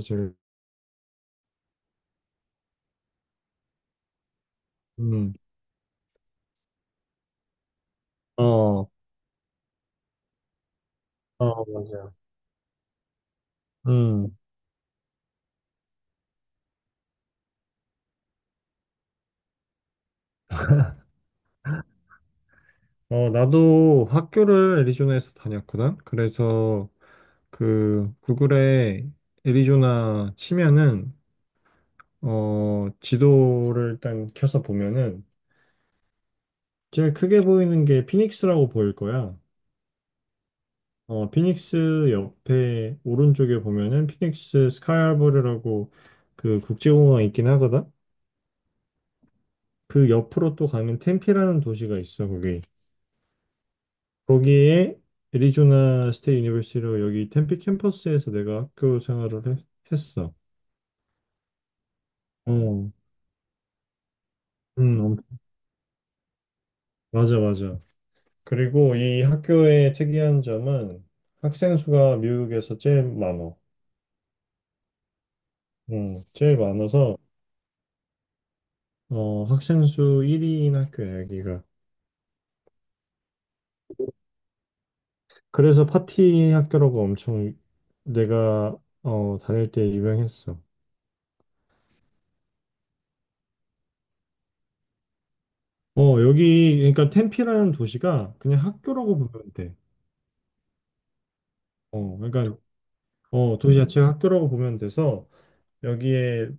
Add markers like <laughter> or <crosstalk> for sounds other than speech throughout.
사실. 음, 어, 어, 맞아요. 음, 나도 학교를 애리조나에서 다녔거든. 그래서 그 구글에 애리조나 치면은 지도를 일단 켜서 보면은 제일 크게 보이는 게 피닉스라고 보일 거야. 피닉스 옆에 오른쪽에 보면은 피닉스 스카이하버리라고 그 국제공항이 있긴 하거든. 그 옆으로 또 가면 템피라는 도시가 있어, 거기. 거기에 애리조나 스테이 유니버시티로 여기 템피 캠퍼스에서 내가 학교 생활을 했어. 어, 음, 엄- 맞아, 맞아. 그리고 이 학교의 특이한 점은 학생 수가 미국에서 제일 많어. 제일 많아서 학생 수 1위인 학교야, 여기가. 그래서 파티 학교라고 엄청 내가 다닐 때 유명했어. 여기, 그러니까 템피라는 도시가 그냥 학교라고 보면 돼. 그러니까 도시자치 학교라고 보면 돼서 여기에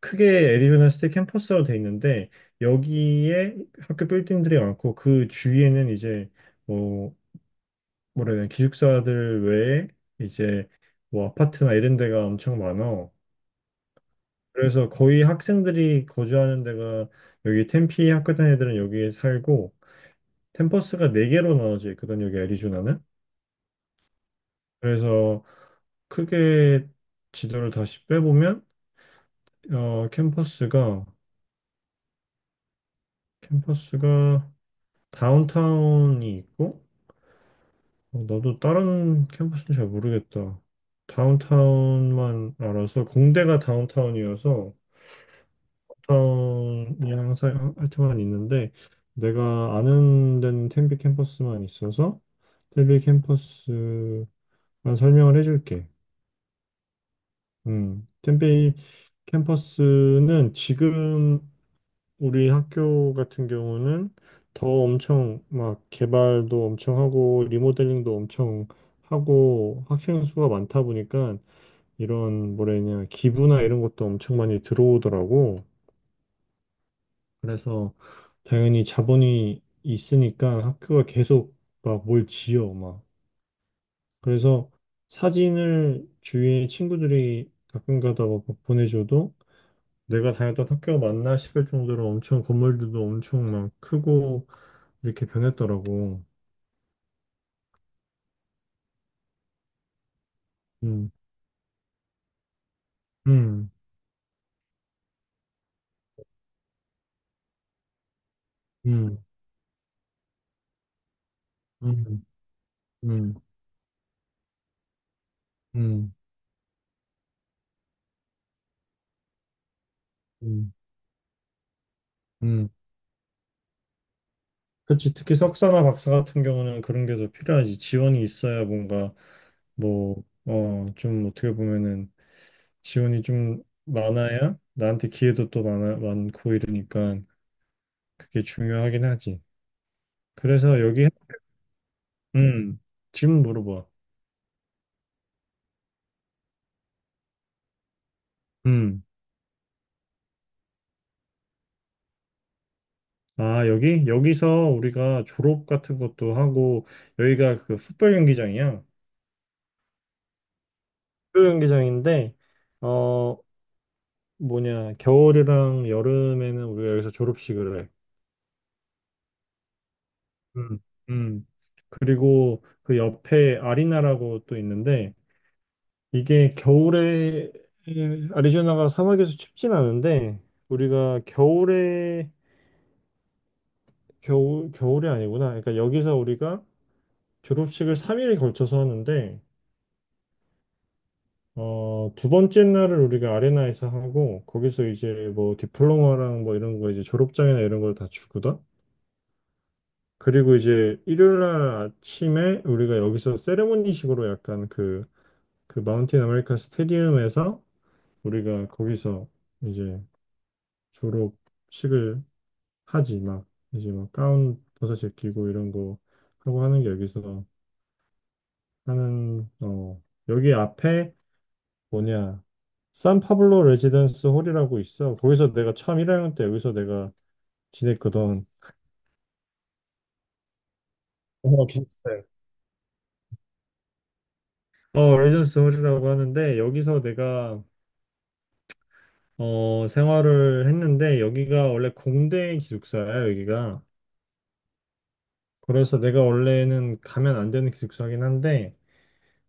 크게 애리조나 스테이트 캠퍼스로 돼 있는데 여기에 학교 빌딩들이 많고 그 주위에는 이제 뭐 뭐라 해야 되나 기숙사들 외에 이제 뭐 아파트나 이런 데가 엄청 많아. 그래서 거의 학생들이 거주하는 데가 여기 템피 학교 다니는 애들은 여기에 살고 캠퍼스가 네개로 나눠져 있거든 여기 애리조나는. 그래서 크게 지도를 다시 빼보면 어, 캠퍼스가 캠퍼스가 다운타운이 있고, 나도 다른 캠퍼스는 잘 모르겠다. 다운타운만 알아서, 공대가 다운타운이어서, 다운이 항상 하여튼만 있는데, 내가 아는 데는 텐비 캠퍼스만 있어서, 텐비 캠퍼스만 설명을 해줄게. 텐비 캠퍼스는 지금 우리 학교 같은 경우는 더 엄청 막 개발도 엄청 하고 리모델링도 엄청 하고 학생 수가 많다 보니까 이런 뭐래냐 기부나 이런 것도 엄청 많이 들어오더라고. 그래서 당연히 자본이 있으니까 학교가 계속 막 뭘 지어 막. 그래서 사진을 주위에 친구들이 가끔 가다 막 보내줘도 내가 다녔던 학교가 맞나 싶을 정도로 엄청 건물들도 엄청 막 크고 이렇게 변했더라고. 음, 음, 음, 음, 음, 음, 음, 음. 그치. 특히 석사나 박사 같은 경우는 그런 게 더 필요하지. 지원이 있어야 뭔가 뭐, 좀 어떻게 보면은 지원이 좀 많아야 나한테 기회도 또 많아, 많고 이러니까 그게 중요하긴 하지. 그래서 여기, 음, 질문 물어봐. 음. 아, 여기? 여기서 우리가 졸업 같은 것도 하고, 여기가 그 풋볼 경기장이야. 축구 경기장인데 어 뭐냐 겨울이랑 여름에는 우리가 여기서 졸업식을 해. 음. 음. 그리고 그 옆에 아리나라고 또 있는데 이게 겨울에 아리조나가 사막에서 춥진 않은데 우리가 겨울에 겨울이 아니구나. 그러니까 여기서 우리가 졸업식을 3일에 걸쳐서 하는데 두 번째 날을 우리가 아레나에서 하고 거기서 이제 뭐 디플로마랑 뭐 이런 거 이제 졸업장이나 이런 걸 다 주거든. 그리고 이제 일요일 날 아침에 우리가 여기서 세레모니식으로 약간 그, 그 마운틴 아메리칸 스테디움에서 우리가 거기서 이제 졸업식을 하지 막 이제 막 가운 벗어 제끼고 이런 거 하고 하는 게 여기서 하는 여기 앞에 뭐냐 산파블로 레지던스 홀이라고 있어 거기서 내가 처음 1학년 때 여기서 내가 지냈거든. 비슷해. 레전스 홀이라고 하는데 여기서 내가 생활을 했는데 여기가 원래 공대 기숙사야, 여기가. 그래서 내가 원래는 가면 안 되는 기숙사긴 한데,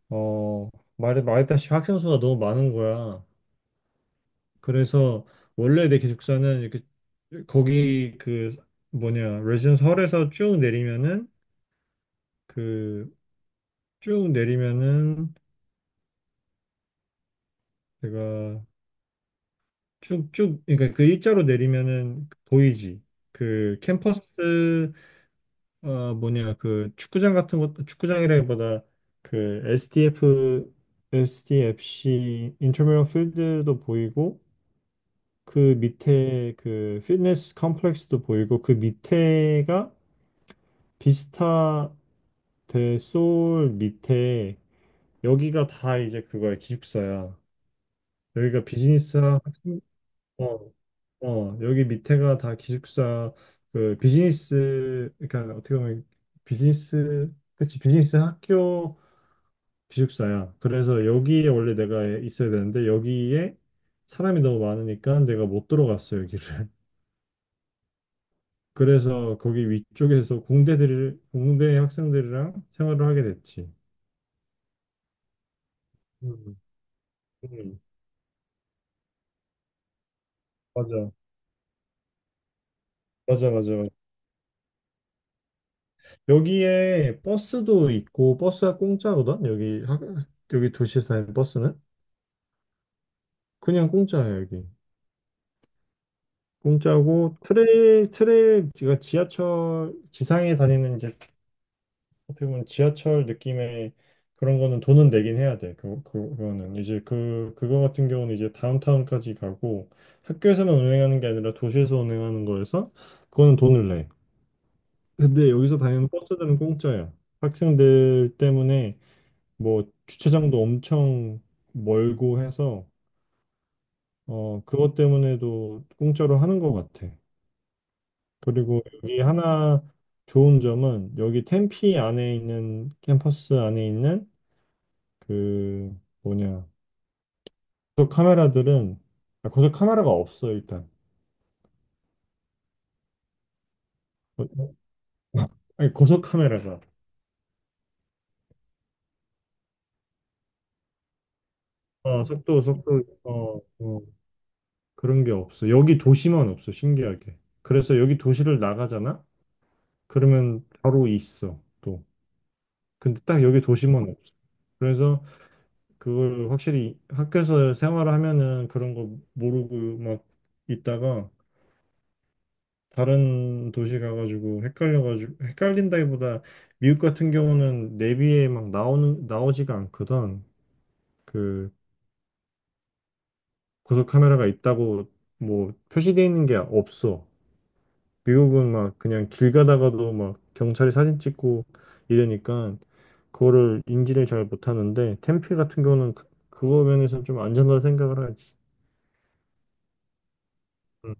어, 말했다시피 학생 수가 너무 많은 거야. 그래서 원래 내 기숙사는 이렇게 거기 그 뭐냐, 레지던스 홀에서 쭉 내리면은 그 쭉 내리면은 제가 쭉쭉 그러니까 그 일자로 내리면은 보이지. 그 캠퍼스 뭐냐, 그 축구장 같은 것, 축구장이라기보다 그 SDF, SDFC 인터미럴 필드도 보이고 그 밑에 그 피트니스 컴플렉스도 보이고 그 밑에가 비스타 대 소울 밑에 여기가 다 이제 그거야 기숙사야. 여기가 비즈니스 학생. 어, 여기 밑에가 다 기숙사 그 비즈니스 그러니까 어떻게 보면 비즈니스 그치 비즈니스 학교 기숙사야. 그래서 여기에 원래 내가 있어야 되는데 여기에 사람이 너무 많으니까 내가 못 들어갔어, 여기를. <laughs> 그래서 거기 위쪽에서 공대들, 공대 학생들이랑 생활을 하게 됐지. 음, 음, 맞아. 맞아, 맞아, 맞아. 여기에 버스도 있고, 버스가 공짜거든? 여기, 여기 도시에 사는 버스는? 그냥 공짜야, 여기. 공짜고, 트레일, 제가 지하철, 지상에 다니는 이제 어떻게 보면 지하철 느낌의 그런 거는 돈은 내긴 해야 돼. 그거는. 이제 그거 같은 경우는 이제 다운타운까지 가고 학교에서만 운행하는 게 아니라 도시에서 운행하는 거여서 그거는 돈을 내. 근데 여기서 다니는 버스들은 공짜야. 학생들 때문에 뭐 주차장도 엄청 멀고 해서 그것 때문에도 공짜로 하는 것 같아. 그리고 여기 하나 좋은 점은 여기 템피 안에 있는 캠퍼스 안에 있는 그 뭐냐 고속 카메라들은 아, 고속 카메라가 없어 일단. 어, 어, 아니 고속 카메라가 속도. 어 그런 게 없어 여기 도시만 없어 신기하게. 그래서 여기 도시를 나가잖아 그러면 바로 있어 또. 근데 딱 여기 도시만 없어. 그래서 그걸 확실히 학교에서 생활을 하면은 그런 거 모르고 막 있다가 다른 도시 가가지고 헷갈려가지고 헷갈린다기보다 미국 같은 경우는 내비에 막 나오는 나오지가 않거든. 그 고속 카메라가 있다고 뭐 표시돼 있는 게 없어. 미국은 막 그냥 길 가다가도 막 경찰이 사진 찍고 이러니까 그거를 인지를 잘 못하는데 템피 같은 경우는 그, 그거 면에서 좀 안전하다 생각을 하지. 음,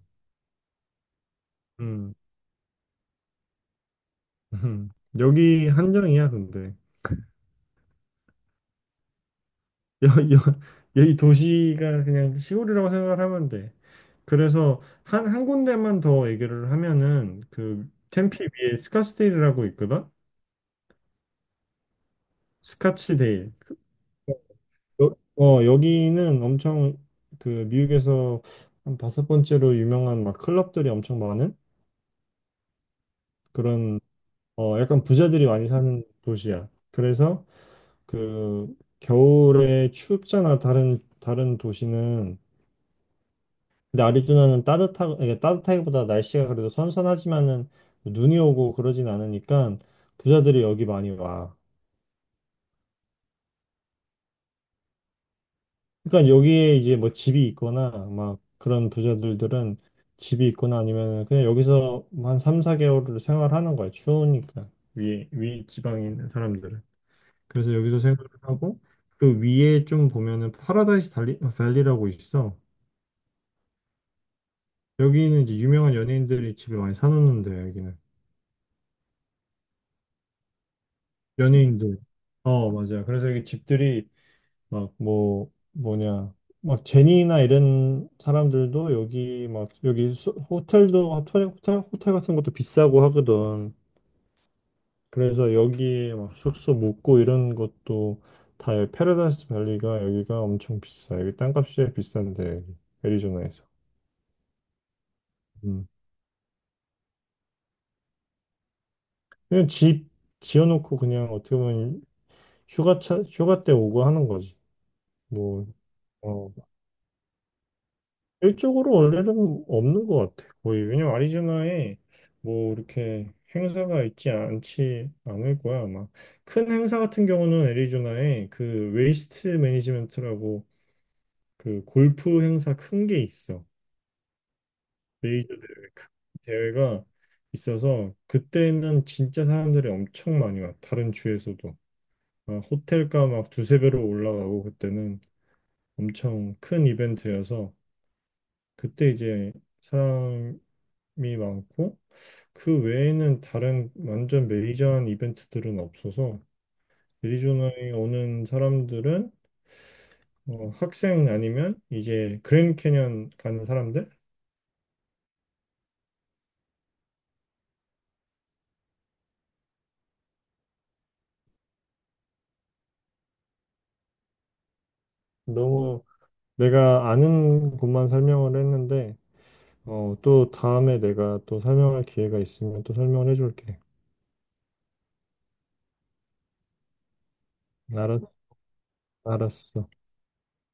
음, <laughs> 여기 한정이야 근데. 여, 여, 이 도시가 그냥 시골이라고 생각을 하면 돼. 그래서 한 군데만 더 얘기를 하면은 그 템피 위에 스카스데일이라고 있거든? 스카치데일. 여기는 엄청 그 미국에서 한 다섯 번째로 유명한 막 클럽들이 엄청 많은 그런 약간 부자들이 많이 사는 도시야. 그래서 그 겨울에 춥잖아. 다른 다른 도시는. 근데 아리조나는 따뜻하, 이게 따뜻하기보다 날씨가 그래도 선선하지만은 눈이 오고 그러진 않으니까 부자들이 여기 많이 와. 그러니까 여기에 이제 뭐 집이 있거나 막 그런 부자들들은 집이 있거나 아니면 그냥 여기서 뭐한 3, 4개월을 생활하는 거야. 추우니까. 위에, 위 지방에 있는 사람들은. 그래서 여기서 생활을 하고 그 위에 좀 보면은 파라다이스 밸리라고 있어. 여기는 이제 유명한 연예인들이 집을 많이 사놓는데 여기는. 연예인들. 맞아요. 그래서 이게 집들이 막 뭐냐. 막 제니나 이런 사람들도 여기 막 여기 호텔도 호텔 같은 것도 비싸고 하거든. 그래서 여기에 막 숙소 묵고 이런 것도 다 여기 패러다이스 밸리가 여기가 엄청 비싸. 여기 땅값이 비싼데 여기 애리조나에서. 음. 그냥 집 지어놓고 그냥 어떻게 보면 휴가차 휴가 때 오고 하는 거지. 뭐 어. 일적으로 원래는 없는 것 같아. 거의 왜냐면 아리조나에 뭐 이렇게 행사가 있지 않지 않을 거야 아마. 큰 행사 같은 경우는 애리조나에 그 웨이스트 매니지먼트라고 그 골프 행사 큰 게 있어. 메이저 대회 큰 대회가 있어서 그때는 진짜 사람들이 엄청 많이 와. 다른 주에서도 막 호텔가 막 두세 배로 올라가고 그때는 엄청 큰 이벤트여서 그때 이제 사람이 많고. 그 외에는 다른 완전 메이저한 이벤트들은 없어서 애리조나에 오는 사람들은 학생 아니면 이제 그랜드 캐년 가는 사람들? 너무 내가 아는 곳만 설명을 했는데 또 다음에 내가 또 설명할 기회가 있으면 또 설명을 해줄게. 알았, 알았어.